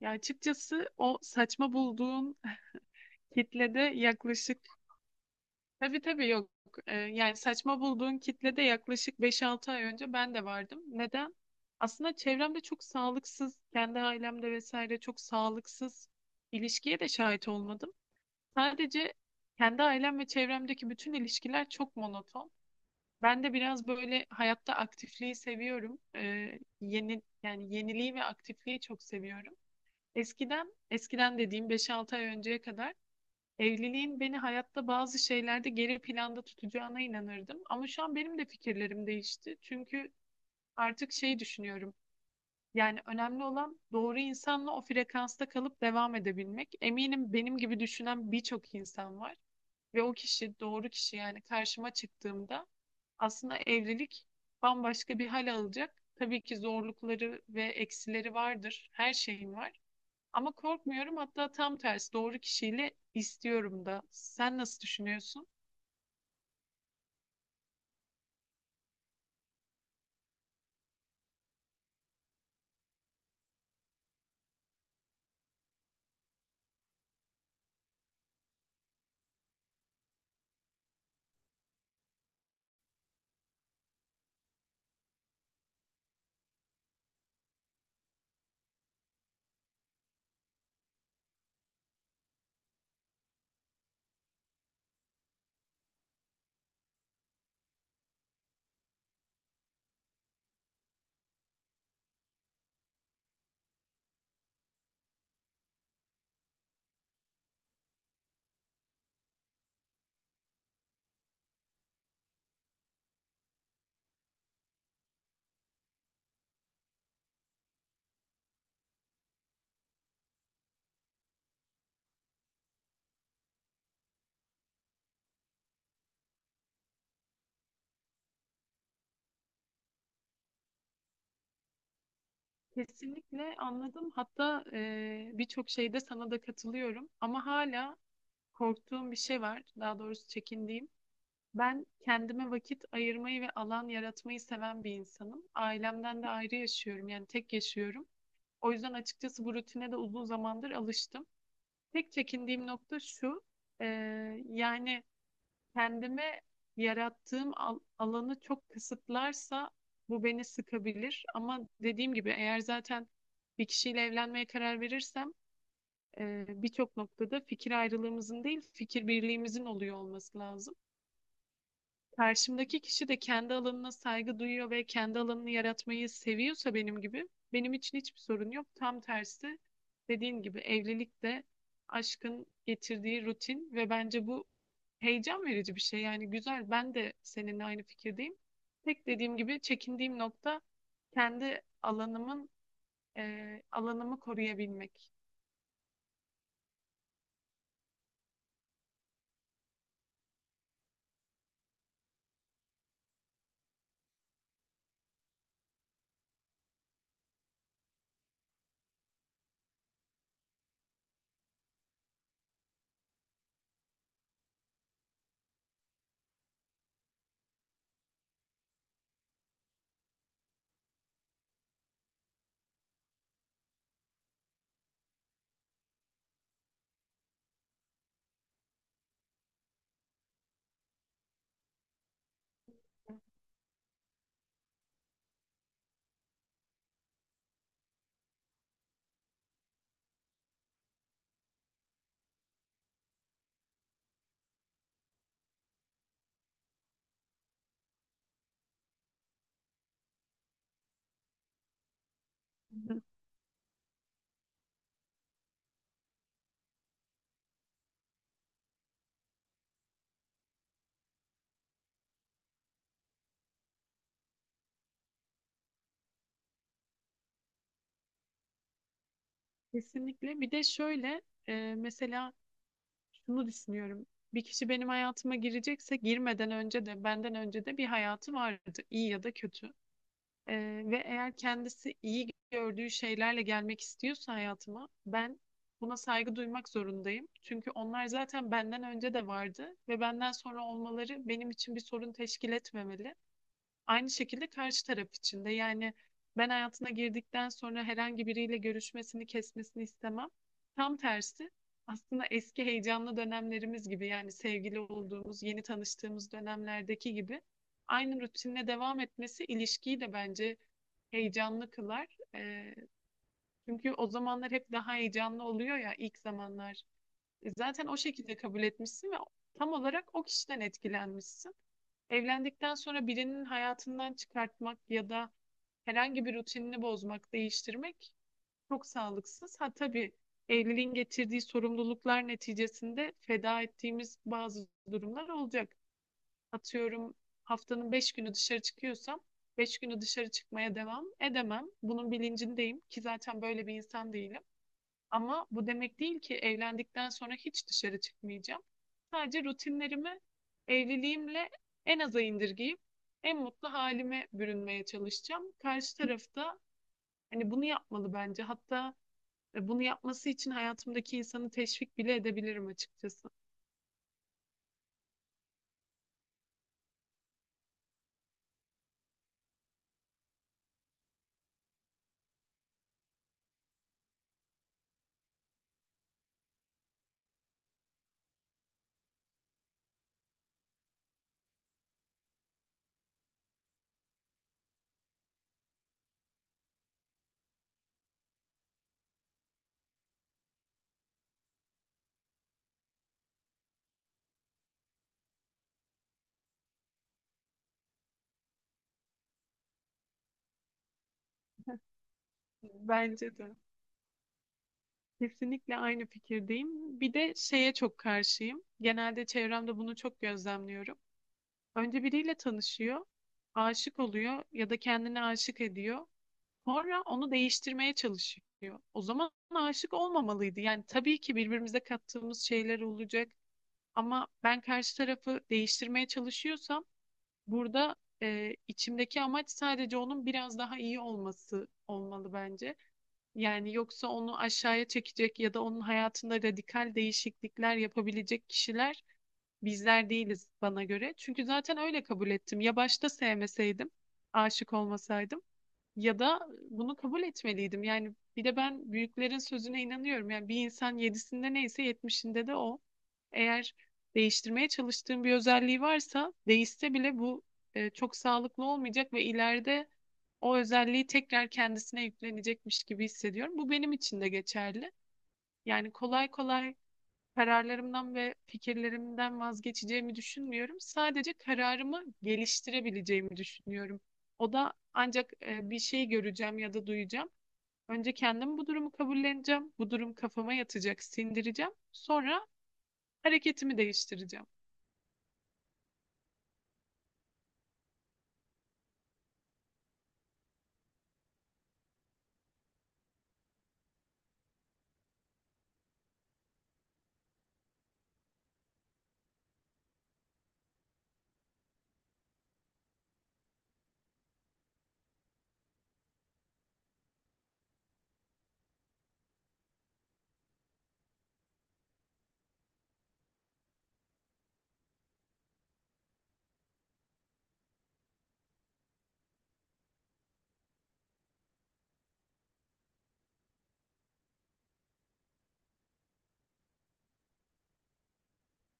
Ya açıkçası o saçma bulduğun kitlede yaklaşık tabii tabii yok. Yani saçma bulduğun kitlede yaklaşık beş altı ay önce ben de vardım. Neden? Aslında çevremde çok sağlıksız, kendi ailemde vesaire çok sağlıksız ilişkiye de şahit olmadım. Sadece kendi ailem ve çevremdeki bütün ilişkiler çok monoton. Ben de biraz böyle hayatta aktifliği seviyorum. Yani yeniliği ve aktifliği çok seviyorum. Eskiden, eskiden dediğim beş altı ay önceye kadar evliliğin beni hayatta bazı şeylerde geri planda tutacağına inanırdım. Ama şu an benim de fikirlerim değişti. Çünkü artık şey düşünüyorum. Yani önemli olan doğru insanla o frekansta kalıp devam edebilmek. Eminim benim gibi düşünen birçok insan var. Ve o kişi, doğru kişi yani karşıma çıktığımda aslında evlilik bambaşka bir hal alacak. Tabii ki zorlukları ve eksileri vardır. Her şeyin var. Ama korkmuyorum, hatta tam tersi doğru kişiyle istiyorum da. Sen nasıl düşünüyorsun? Kesinlikle anladım. Hatta birçok şeyde sana da katılıyorum. Ama hala korktuğum bir şey var. Daha doğrusu çekindiğim. Ben kendime vakit ayırmayı ve alan yaratmayı seven bir insanım. Ailemden de ayrı yaşıyorum. Yani tek yaşıyorum. O yüzden açıkçası bu rutine de uzun zamandır alıştım. Tek çekindiğim nokta şu. e, Yani kendime yarattığım alanı çok kısıtlarsa bu beni sıkabilir. Ama dediğim gibi eğer zaten bir kişiyle evlenmeye karar verirsem birçok noktada fikir ayrılığımızın değil, fikir birliğimizin oluyor olması lazım. Karşımdaki kişi de kendi alanına saygı duyuyor ve kendi alanını yaratmayı seviyorsa benim gibi, benim için hiçbir sorun yok. Tam tersi dediğin gibi evlilik de aşkın getirdiği rutin ve bence bu heyecan verici bir şey. Yani güzel, ben de seninle aynı fikirdeyim. Tek dediğim gibi çekindiğim nokta kendi alanımı koruyabilmek. Hı hı. Kesinlikle. Bir de şöyle mesela şunu düşünüyorum. Bir kişi benim hayatıma girecekse girmeden önce de benden önce de bir hayatı vardı, iyi ya da kötü. Ve eğer kendisi iyi gördüğü şeylerle gelmek istiyorsa hayatıma, ben buna saygı duymak zorundayım. Çünkü onlar zaten benden önce de vardı ve benden sonra olmaları benim için bir sorun teşkil etmemeli. Aynı şekilde karşı taraf için de yani ben hayatına girdikten sonra herhangi biriyle görüşmesini, kesmesini istemem. Tam tersi aslında eski heyecanlı dönemlerimiz gibi yani sevgili olduğumuz, yeni tanıştığımız dönemlerdeki gibi aynı rutinle devam etmesi ilişkiyi de bence heyecanlı kılar. Çünkü o zamanlar hep daha heyecanlı oluyor ya, ilk zamanlar. Zaten o şekilde kabul etmişsin ve tam olarak o kişiden etkilenmişsin. Evlendikten sonra birinin hayatından çıkartmak ya da herhangi bir rutinini bozmak, değiştirmek çok sağlıksız. Ha tabii, evliliğin getirdiği sorumluluklar neticesinde feda ettiğimiz bazı durumlar olacak. Atıyorum haftanın beş günü dışarı çıkıyorsam beş günü dışarı çıkmaya devam edemem. Bunun bilincindeyim ki zaten böyle bir insan değilim. Ama bu demek değil ki evlendikten sonra hiç dışarı çıkmayacağım. Sadece rutinlerimi evliliğimle en aza indirgeyip en mutlu halime bürünmeye çalışacağım. Karşı tarafta hani bunu yapmalı bence. Hatta bunu yapması için hayatımdaki insanı teşvik bile edebilirim açıkçası. Bence de. Kesinlikle aynı fikirdeyim. Bir de şeye çok karşıyım. Genelde çevremde bunu çok gözlemliyorum. Önce biriyle tanışıyor, aşık oluyor ya da kendini aşık ediyor. Sonra onu değiştirmeye çalışıyor. O zaman aşık olmamalıydı. Yani tabii ki birbirimize kattığımız şeyler olacak ama ben karşı tarafı değiştirmeye çalışıyorsam burada içimdeki amaç sadece onun biraz daha iyi olması olmalı bence. Yani yoksa onu aşağıya çekecek ya da onun hayatında radikal değişiklikler yapabilecek kişiler bizler değiliz, bana göre. Çünkü zaten öyle kabul ettim. Ya başta sevmeseydim, aşık olmasaydım. Ya da bunu kabul etmeliydim. Yani bir de ben büyüklerin sözüne inanıyorum. Yani bir insan yedisinde neyse yetmişinde de o. Eğer değiştirmeye çalıştığım bir özelliği varsa, değişse bile bu çok sağlıklı olmayacak ve ileride o özelliği tekrar kendisine yüklenecekmiş gibi hissediyorum. Bu benim için de geçerli. Yani kolay kolay kararlarımdan ve fikirlerimden vazgeçeceğimi düşünmüyorum. Sadece kararımı geliştirebileceğimi düşünüyorum. O da ancak bir şey göreceğim ya da duyacağım. Önce kendim bu durumu kabulleneceğim. Bu durum kafama yatacak, sindireceğim. Sonra hareketimi değiştireceğim.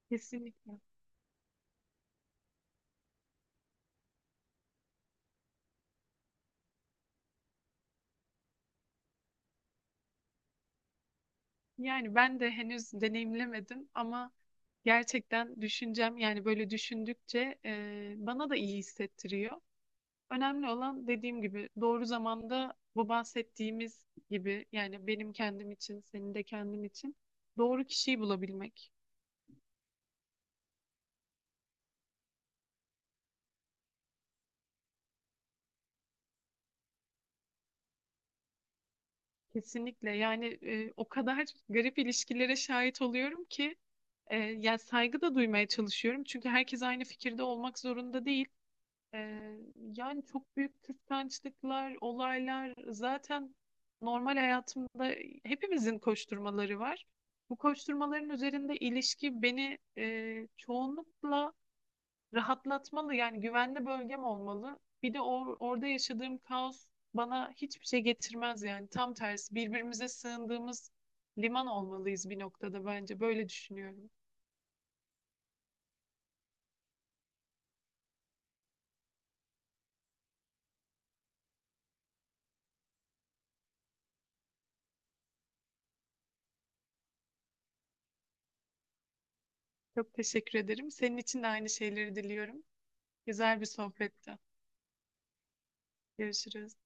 Kesinlikle. Yani ben de henüz deneyimlemedim ama gerçekten düşüncem yani böyle düşündükçe bana da iyi hissettiriyor. Önemli olan dediğim gibi doğru zamanda bu bahsettiğimiz gibi yani benim kendim için, senin de kendim için doğru kişiyi bulabilmek. Kesinlikle yani o kadar garip ilişkilere şahit oluyorum ki yani saygı da duymaya çalışıyorum. Çünkü herkes aynı fikirde olmak zorunda değil. Ee, Yani çok büyük kıskançlıklar, olaylar zaten normal hayatımda hepimizin koşturmaları var. Bu koşturmaların üzerinde ilişki beni çoğunlukla rahatlatmalı. Yani güvenli bölgem olmalı. Bir de orada yaşadığım kaos bana hiçbir şey getirmez yani. Tam tersi birbirimize sığındığımız liman olmalıyız bir noktada bence. Böyle düşünüyorum. Çok teşekkür ederim. Senin için de aynı şeyleri diliyorum. Güzel bir sohbette. Görüşürüz.